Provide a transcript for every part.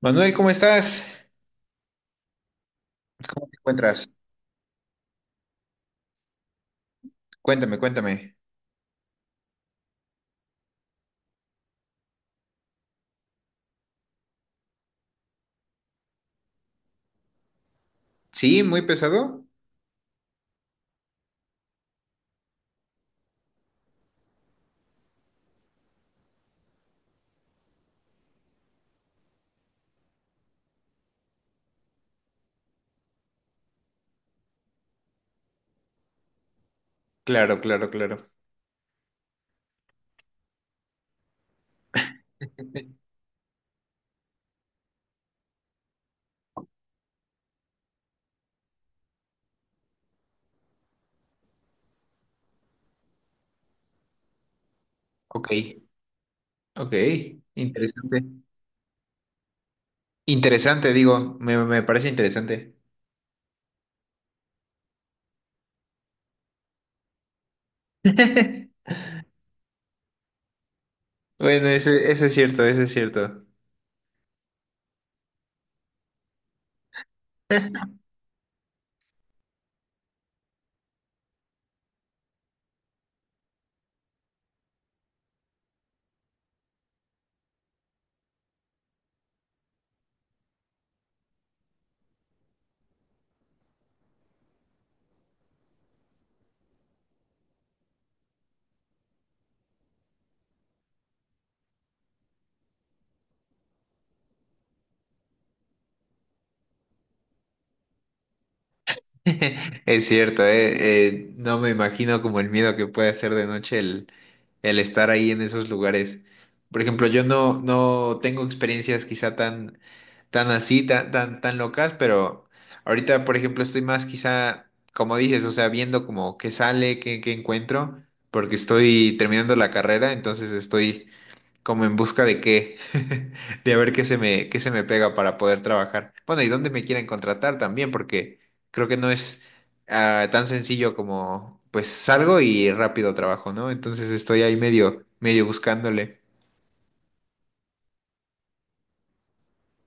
Manuel, ¿cómo estás? ¿Cómo te encuentras? Cuéntame, cuéntame. ¿Sí? ¿Muy pesado? Claro, claro, claro. Ok, ok. Interesante. Interesante, digo, me parece interesante. Bueno, eso es cierto, eso es cierto. Es cierto, no me imagino como el miedo que puede hacer de noche el estar ahí en esos lugares. Por ejemplo, yo no, no tengo experiencias quizá tan, tan así, tan, tan, tan locas, pero ahorita, por ejemplo, estoy más quizá, como dices, o sea, viendo como qué sale, qué, qué encuentro, porque estoy terminando la carrera, entonces estoy como en busca de qué, de a ver qué se me pega para poder trabajar. Bueno, y dónde me quieren contratar también, porque creo que no es tan sencillo como pues salgo y rápido trabajo, ¿no? Entonces estoy ahí medio, medio buscándole.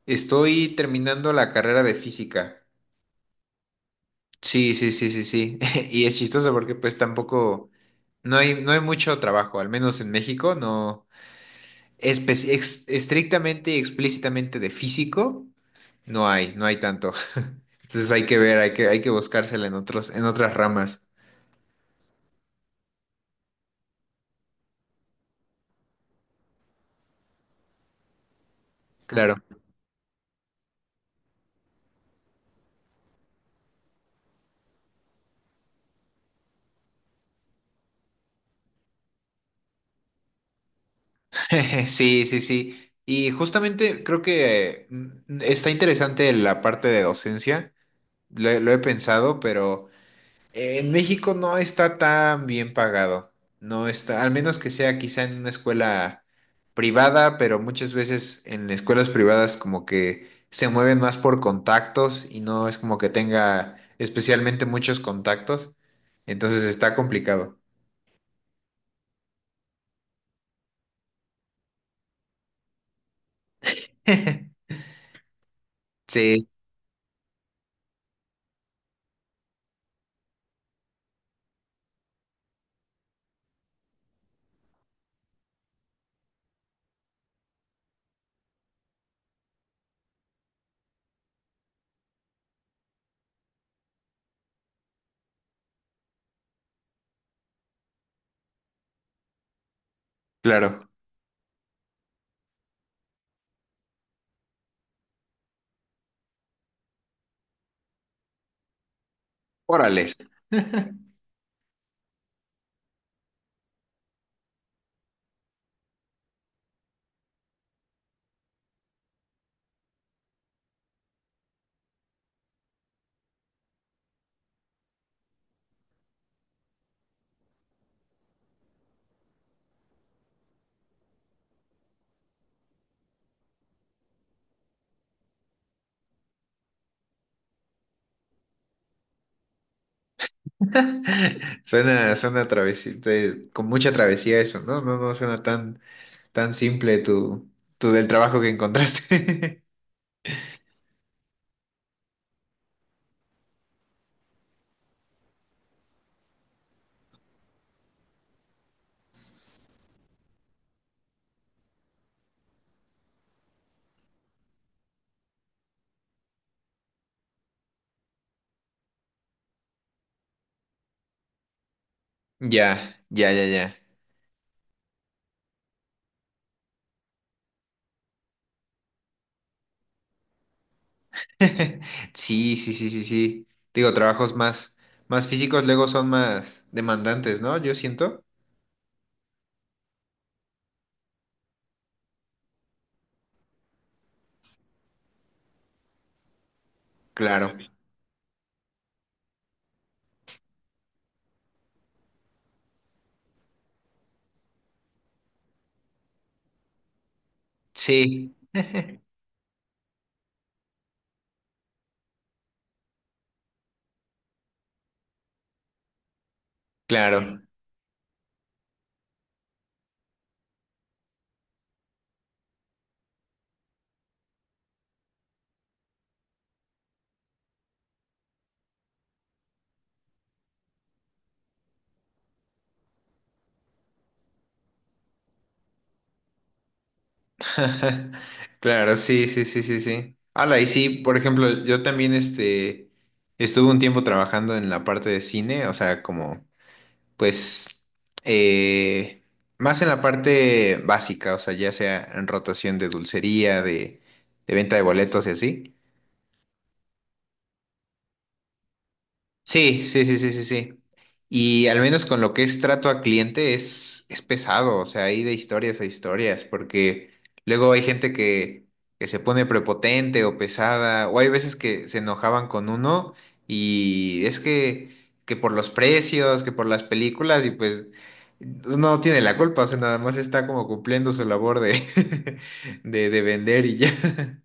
Estoy terminando la carrera de física. Sí, sí, sí, sí, sí. Y es chistoso porque pues tampoco, no hay, no hay mucho trabajo, al menos en México, no estrictamente y explícitamente de físico. No hay, no hay tanto. Entonces hay que ver, hay que buscársela en otros, en otras ramas. Claro. Sí, sí, sí. Y justamente creo que está interesante la parte de docencia. He lo he pensado, pero en México no está tan bien pagado. No está, al menos que sea quizá en una escuela privada, pero muchas veces en escuelas privadas como que se mueven más por contactos y no es como que tenga especialmente muchos contactos. Entonces está complicado. Sí, claro. Órales. Suena, suena travesía, con mucha travesía eso, ¿no? No, no suena tan, tan simple tu, tu del trabajo que encontraste. Ya, ya, ya, ya. Sí, sí, sí, sí, sí. Digo, trabajos más, más físicos luego son más demandantes, ¿no? Yo siento. Claro. Sí, claro. Claro, sí, sí, sí, sí, sí. Ala, y sí, por ejemplo, yo también este estuve un tiempo trabajando en la parte de cine, o sea, como, pues, eh, más en la parte básica, o sea, ya sea en rotación de dulcería, de venta de boletos y así. Sí, sí, sí, sí, sí, sí. Y al menos con lo que es trato a cliente es pesado, o sea, hay de historias a historias, porque luego hay gente que se pone prepotente o pesada, o hay veces que se enojaban con uno y es que por los precios, que por las películas, y pues uno no tiene la culpa, o sea, nada más está como cumpliendo su labor de, de vender y ya.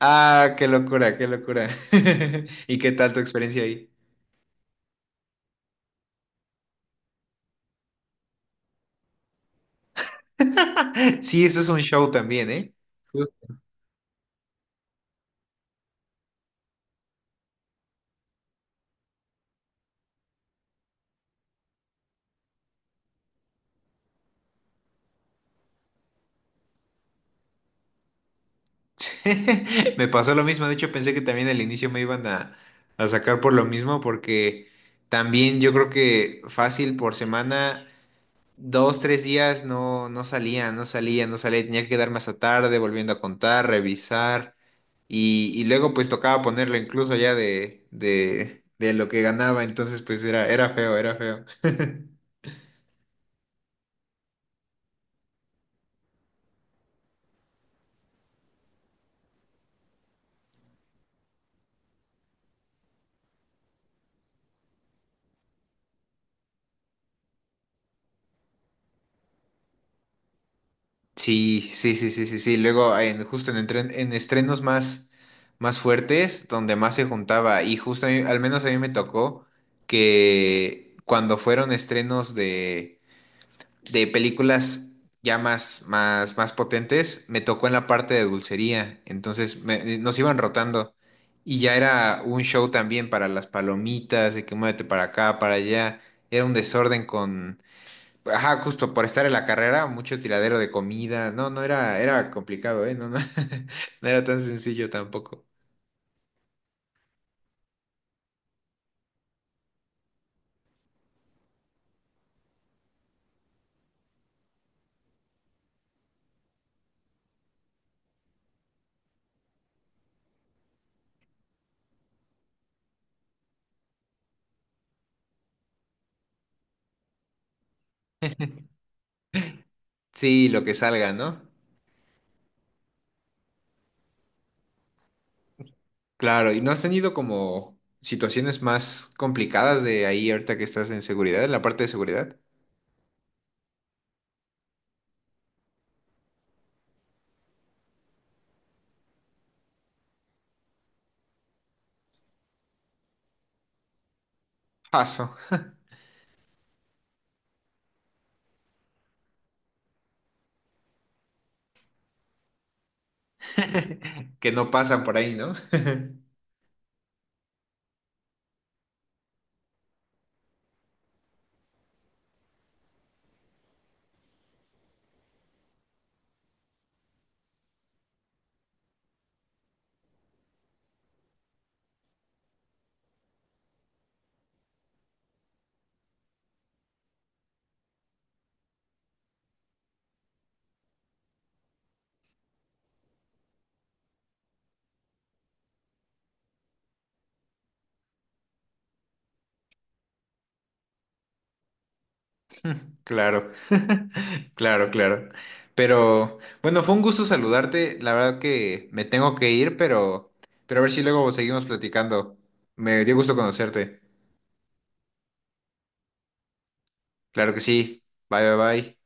Ah, qué locura, qué locura. ¿Y qué tal tu experiencia ahí? Sí, eso es un show también, ¿eh? Justo. Me pasó lo mismo, de hecho pensé que también al inicio me iban a sacar por lo mismo, porque también yo creo que fácil por semana, dos, tres días no, no salía, no salía, no salía, tenía que quedarme hasta tarde volviendo a contar, revisar, y luego pues tocaba ponerlo incluso ya de lo que ganaba, entonces pues era, era feo, era feo. Sí, sí, sí, sí, sí, sí. Luego, en, justo en, en estrenos más, más fuertes, donde más se juntaba, y justo a mí- al menos a mí me tocó que cuando fueron estrenos de películas ya más, más, más potentes, me tocó en la parte de dulcería. Nos iban rotando. Y ya era un show también para las palomitas, de que muévete para acá, para allá. Era un desorden. Ajá, justo por estar en la carrera, mucho tiradero de comida. No, no era, era complicado, ¿eh? No, no, no era tan sencillo tampoco. Sí, lo que salga, ¿no? Claro, ¿y no has tenido como situaciones más complicadas de ahí ahorita que estás en seguridad, en la parte de seguridad? Paso, que no pasan por ahí, ¿no? Claro, claro, claro. Pero bueno, fue un gusto saludarte. La verdad que me tengo que ir, pero a ver si luego seguimos platicando. Me dio gusto conocerte. Claro que sí. Bye, bye, bye.